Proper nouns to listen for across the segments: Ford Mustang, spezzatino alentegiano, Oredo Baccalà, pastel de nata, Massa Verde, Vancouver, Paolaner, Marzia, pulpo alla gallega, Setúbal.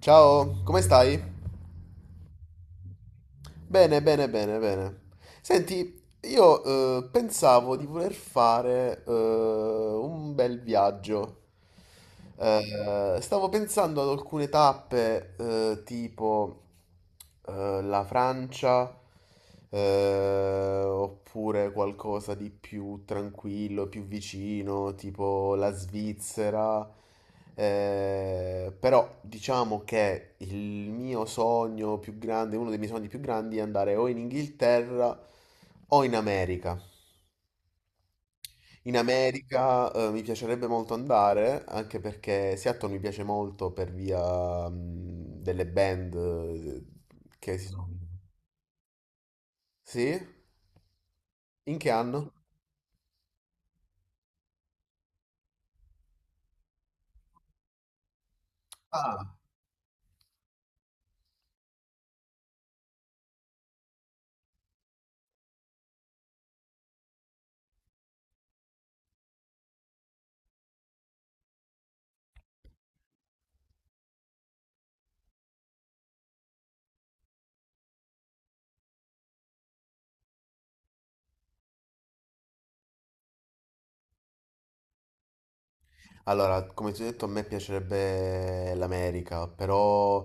Ciao, come stai? Bene, bene, bene, bene. Senti, io pensavo di voler fare un bel viaggio. Stavo pensando ad alcune tappe, tipo la Francia, oppure qualcosa di più tranquillo, più vicino, tipo la Svizzera. Però diciamo che il mio sogno più grande, uno dei miei sogni più grandi è andare o in Inghilterra o in America. In America, mi piacerebbe molto andare, anche perché Seattle mi piace molto per via, delle band che si sono. Sì? In che anno? Ah. Allora, come ti ho detto, a me piacerebbe l'America, però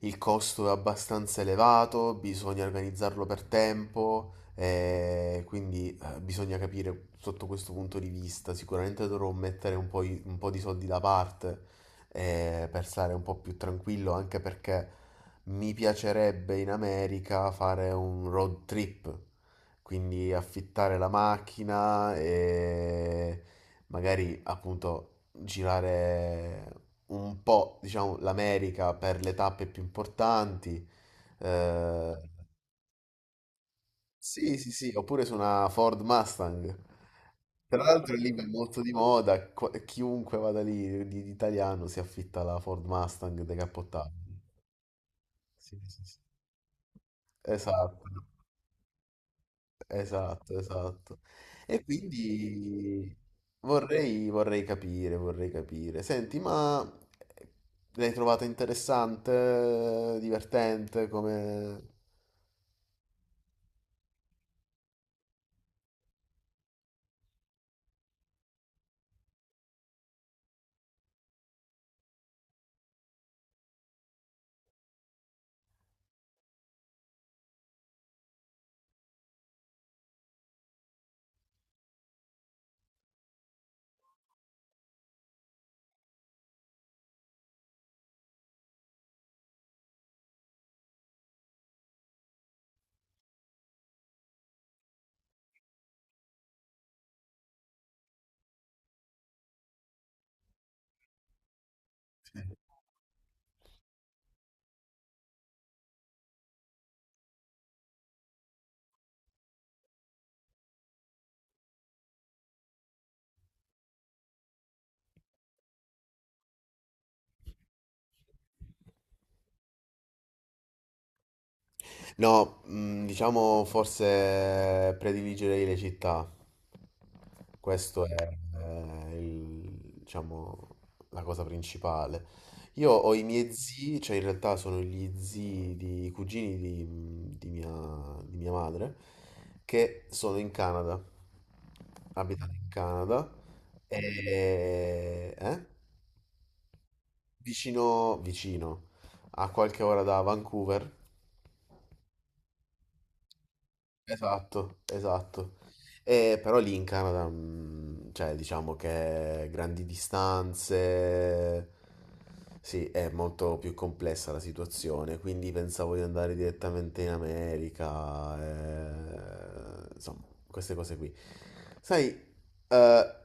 il costo è abbastanza elevato, bisogna organizzarlo per tempo, e quindi bisogna capire sotto questo punto di vista. Sicuramente dovrò mettere un po', un po' di soldi da parte per stare un po' più tranquillo, anche perché mi piacerebbe in America fare un road trip, quindi affittare la macchina e magari appunto girare un po', diciamo, l'America per le tappe più importanti. Eh, sì, sì, sì, oppure su una Ford Mustang. Tra l'altro lì va molto di moda, chiunque vada lì di italiano si affitta la Ford Mustang decappottabile. Sì, sì, sì. Esatto. Esatto, esatto. E quindi vorrei, vorrei capire, vorrei capire. Senti, ma l'hai trovata interessante, divertente, come... No, mm, diciamo forse prediligerei le città. Questo è, eh, il- diciamo, la cosa principale. Io ho i miei zii, cioè in realtà sono gli zii di i cugini di mia madre, che sono in Canada, abitano in Canada, e, vicino, vicino, a qualche ora da Vancouver. Esatto, esatto. E però lì in Canada, mm, cioè diciamo che grandi distanze, sì, è molto più complessa la situazione, quindi pensavo di andare direttamente in America, insomma, queste cose qui. Sai, eh,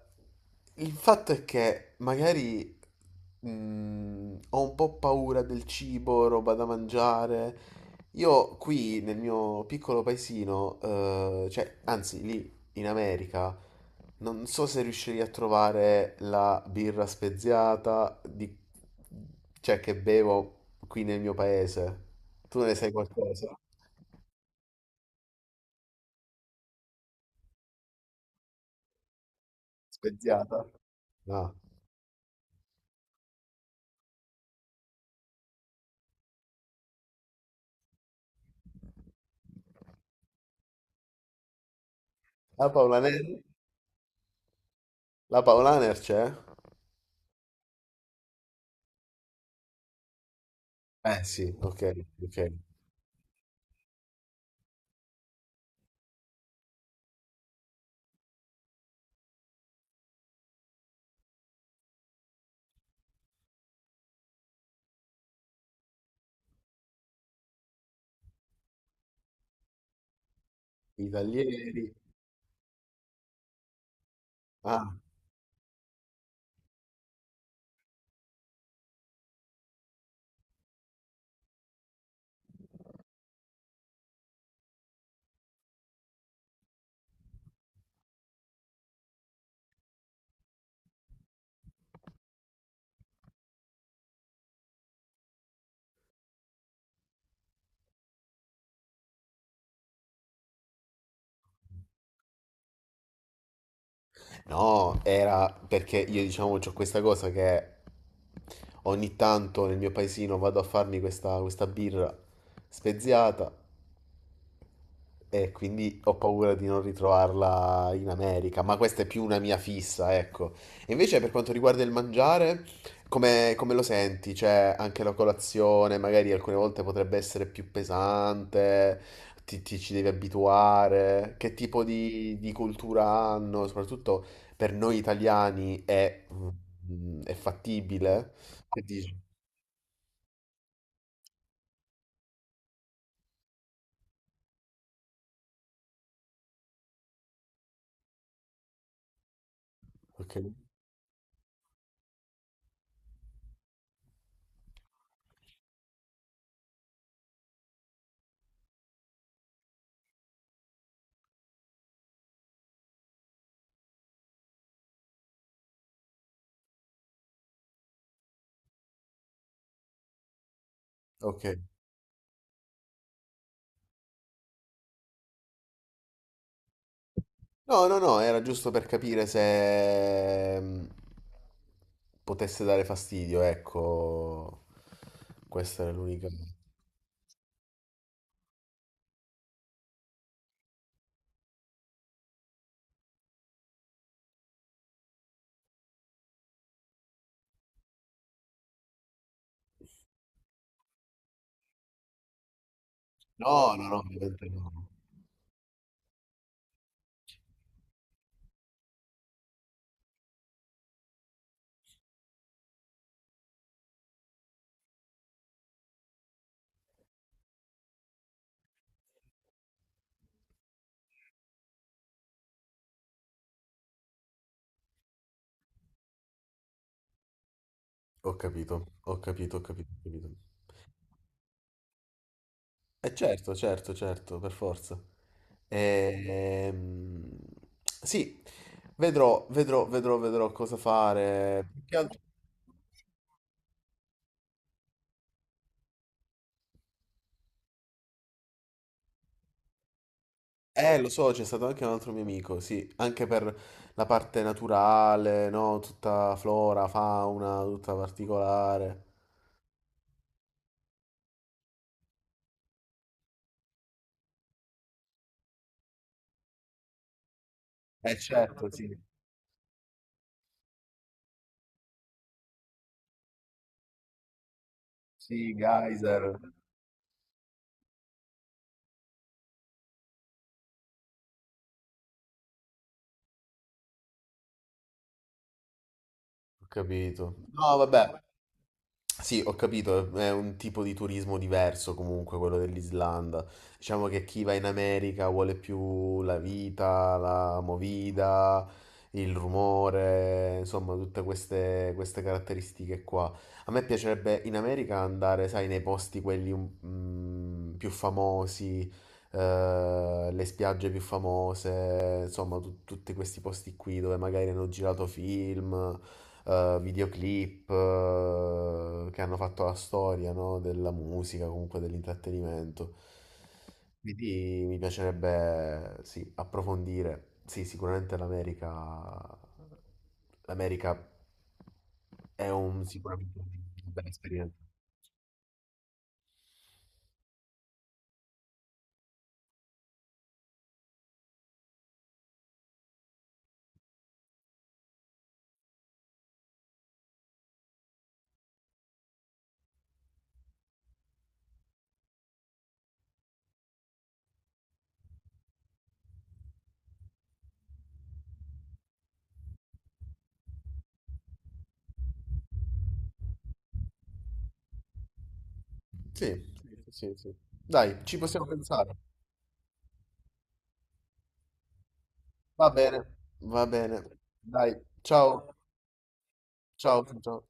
il fatto è che magari ho un po' paura del cibo, roba da mangiare. Io qui nel mio piccolo paesino, cioè, anzi lì in America, non so se riuscirei a trovare la birra speziata cioè, che bevo qui nel mio paese. Tu ne sai qualcosa? Speziata? No. La Paolaner? La Paolaner c'è? Eh sì, ok, ok. I taglieri. Ah, no, era perché io diciamo ho questa cosa che ogni tanto nel mio paesino vado a farmi questa, questa birra speziata e quindi ho paura di non ritrovarla in America, ma questa è più una mia fissa, ecco. E invece per quanto riguarda il mangiare, come, come lo senti? Cioè, anche la colazione magari alcune volte potrebbe essere più pesante, ti ci devi abituare, che tipo di cultura hanno, soprattutto per noi italiani è, è fattibile? Che dici? Ok. Ok. No, no, no, era giusto per capire se potesse dare fastidio, ecco. Questa era l'unica. No, no, no, ovviamente no. Ho capito, ho capito, ho capito, ho capito. Eh certo, certo, certo, per forza. Ehm, sì, vedrò, vedrò, vedrò, vedrò cosa fare. Più che altro- lo so, c'è stato anche un altro mio amico, sì, anche per la parte naturale, no? Tutta flora, fauna, tutta particolare. Eh certo, sì. Sì, geyser. Ho capito. No, vabbè. Sì, ho capito, è un tipo di turismo diverso comunque quello dell'Islanda. Diciamo che chi va in America vuole più la vita, la movida, il rumore, insomma, tutte queste, queste caratteristiche qua. A me piacerebbe in America andare, sai, nei posti quelli mm, più famosi, le spiagge più famose, insomma, tutti questi posti qui dove magari hanno girato film videoclip che hanno fatto la storia, no? Della musica, comunque dell'intrattenimento. Quindi mi piacerebbe, sì, approfondire. Sì, sicuramente l'America, l'America è un sicuramente una bella esperienza. Sì, sì, sì, sì. Dai, ci possiamo pensare. Va bene, va bene. Dai, ciao, ciao, ciao.